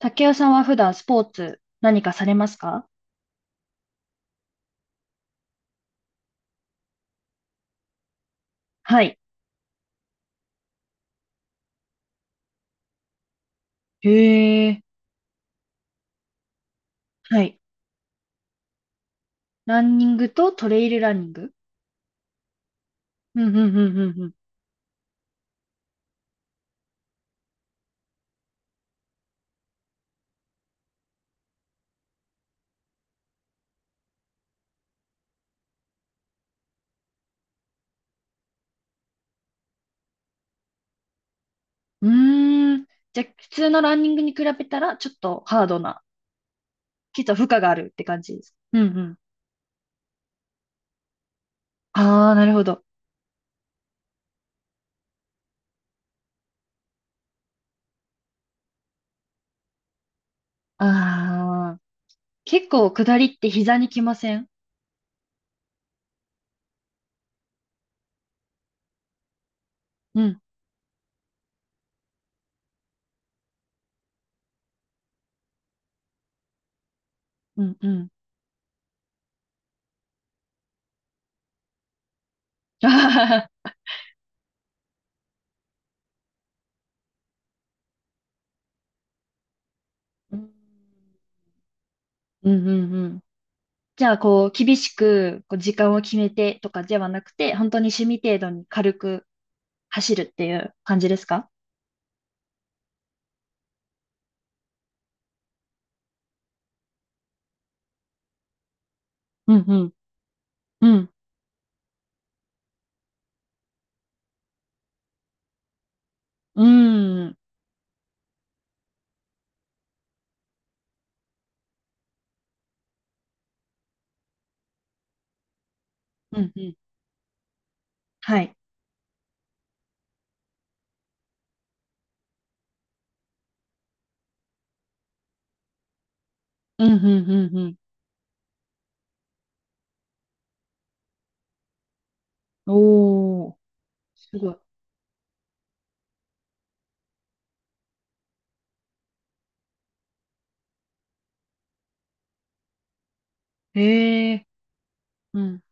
竹雄さんは普段スポーツ何かされますか？はい。へえ、はい。ランニングとトレイルランニング。うんうんうんうんうん。うーん。じゃあ、普通のランニングに比べたら、ちょっとハードな、きっと負荷があるって感じです。うんうん。ああ、なるほど。ああ、結構下りって膝にきません？うん、うん、うん。あはは。うん、うん、うんうん。じゃあ、こう、厳しく、こう、時間を決めてとかではなくて、本当に趣味程度に軽く走るっていう感じですか？うんうんうんうんうんうん。はい。うんうんうんうん。おー。すごい。へえ。うん。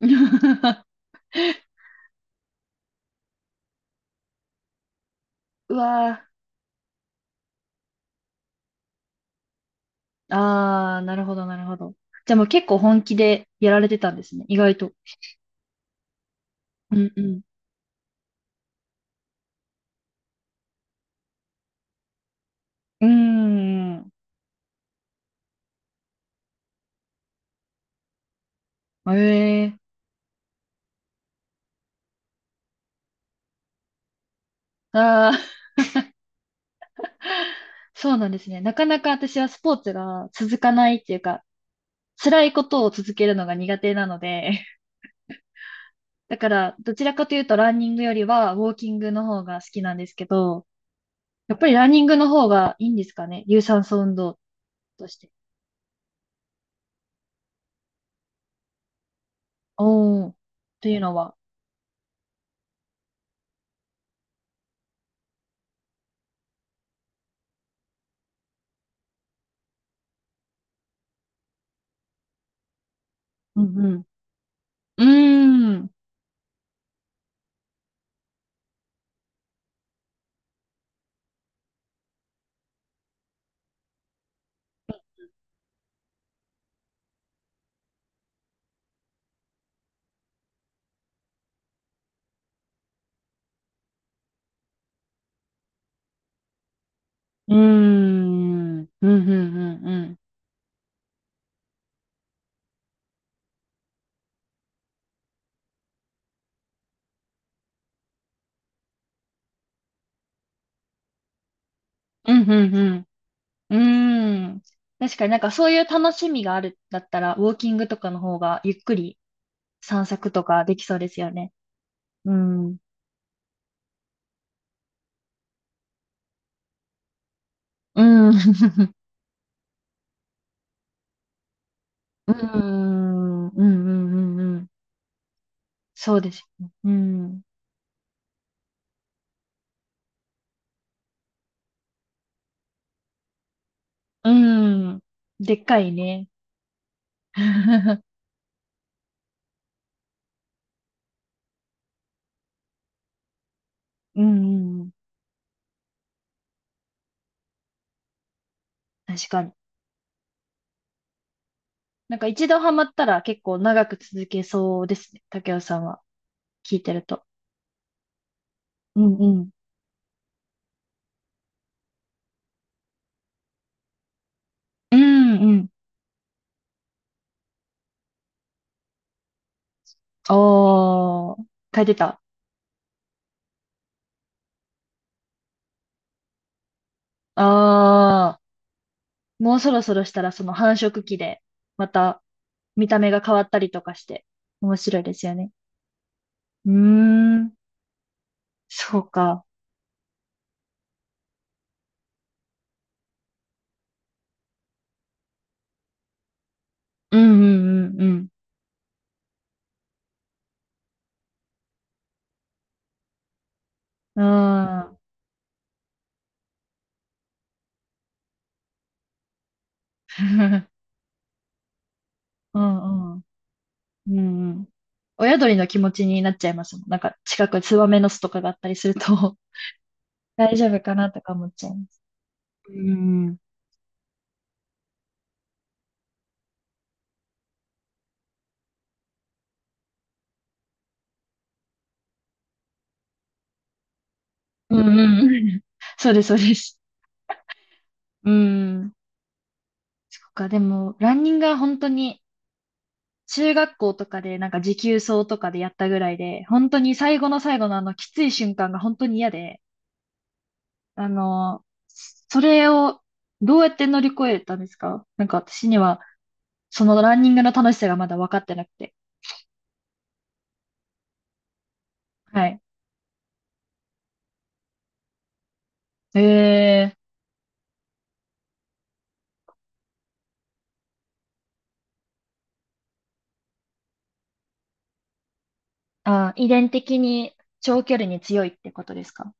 うわー。ああ、なるほど、なるほど。じゃあもう結構本気でやられてたんですね、意外と。うんうん。うーん。ええ。ああー。そうなんですね。なかなか私はスポーツが続かないっていうか、辛いことを続けるのが苦手なので、だから、どちらかというとランニングよりはウォーキングの方が好きなんですけど、やっぱりランニングの方がいいんですかね。有酸素運動として。おー。というのは。うんうん。うーん。うーん。うんうんうんうん。うんうんうん。うーん。確かになんかそういう楽しみがあるんだったら、ウォーキングとかの方がゆっくり散策とかできそうですよね。うん。うん。うん。うんうんうんうん。そうですよね。うん。うん。でっかいね。うんうん。確かに。なんか一度ハマったら結構長く続けそうですね。竹雄さんは聞いてると。うんうん。うんうん。おー。書いてた。あー。もうそろそろしたらその繁殖期で、また見た目が変わったりとかして、面白いですよね。うーん。そうか。うんうんうんうん。うん。あー。 うんうん。うんうん。親鳥の気持ちになっちゃいますもん。なんか近くツバメの巣とかがあったりすると、 大丈夫かなとか思っちゃいます。うん。うんうん。そうです、そうです。うん。そっか、でも、ランニングは本当に、中学校とかで、なんか持久走とかでやったぐらいで、本当に最後の最後のきつい瞬間が本当に嫌で、あの、それをどうやって乗り越えたんですか？なんか私には、そのランニングの楽しさがまだ分かってなくて。はい。えーあ、遺伝的に長距離に強いってことですか？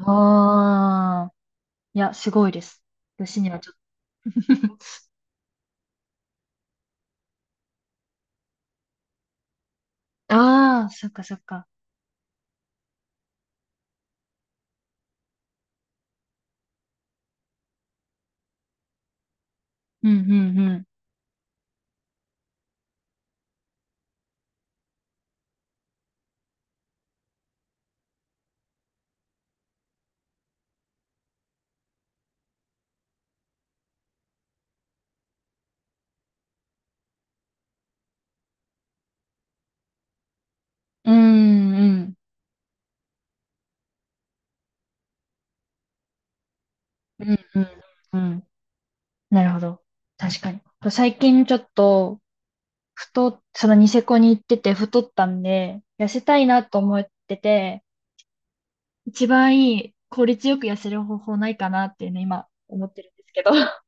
ああー、いや、すごいです。私にはちょっと。 ああ、そっかそっか。うんうんうん。うんうん。うんうんうん。なるほど。確かに。最近ちょっと、そのニセコに行ってて太ったんで、痩せたいなと思ってて、一番いい効率よく痩せる方法ないかなっていうね、今思ってるんですけど。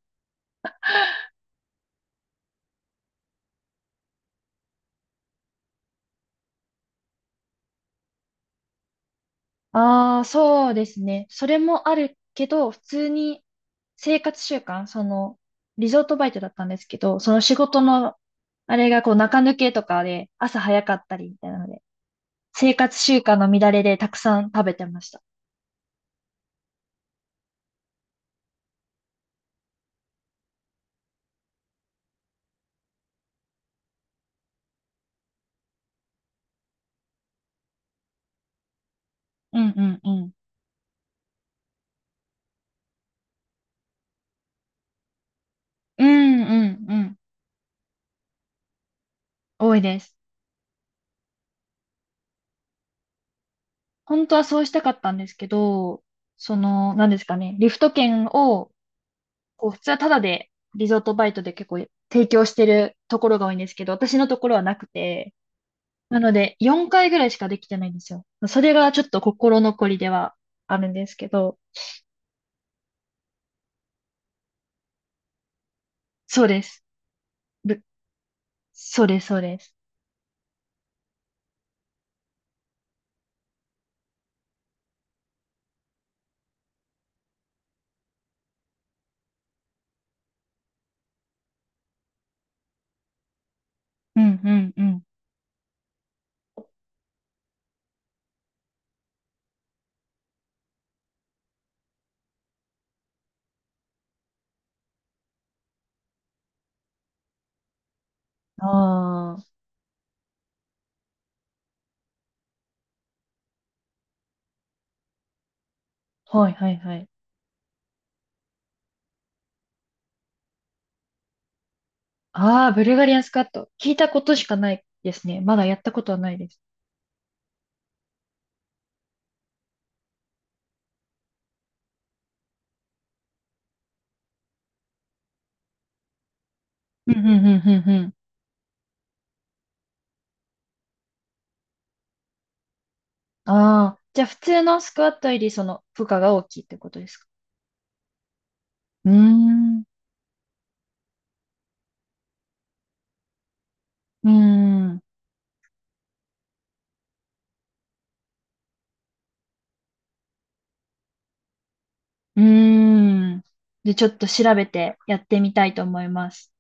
ああ、そうですね。それもあるけど、普通に生活習慣、リゾートバイトだったんですけど、その仕事の、あれがこう中抜けとかで、朝早かったりみたいなので、生活習慣の乱れでたくさん食べてました。うんうんうん。うんうんうん。多いです。本当はそうしたかったんですけど、何ですかね、リフト券を、こう、普通はタダで、リゾートバイトで結構提供してるところが多いんですけど、私のところはなくて、なので、4回ぐらいしかできてないんですよ。それがちょっと心残りではあるんですけど、そうです。ぶそうです、そうです。うんうんうん。ああ、はいはいはい。ああ、ブルガリアンスカット。聞いたことしかないですね。まだやったことはないです。うんうんうんうんうん。ああ、じゃあ普通のスクワットよりその負荷が大きいってことですか？うーん、うーん、うーん。で、ちょっと調べてやってみたいと思います。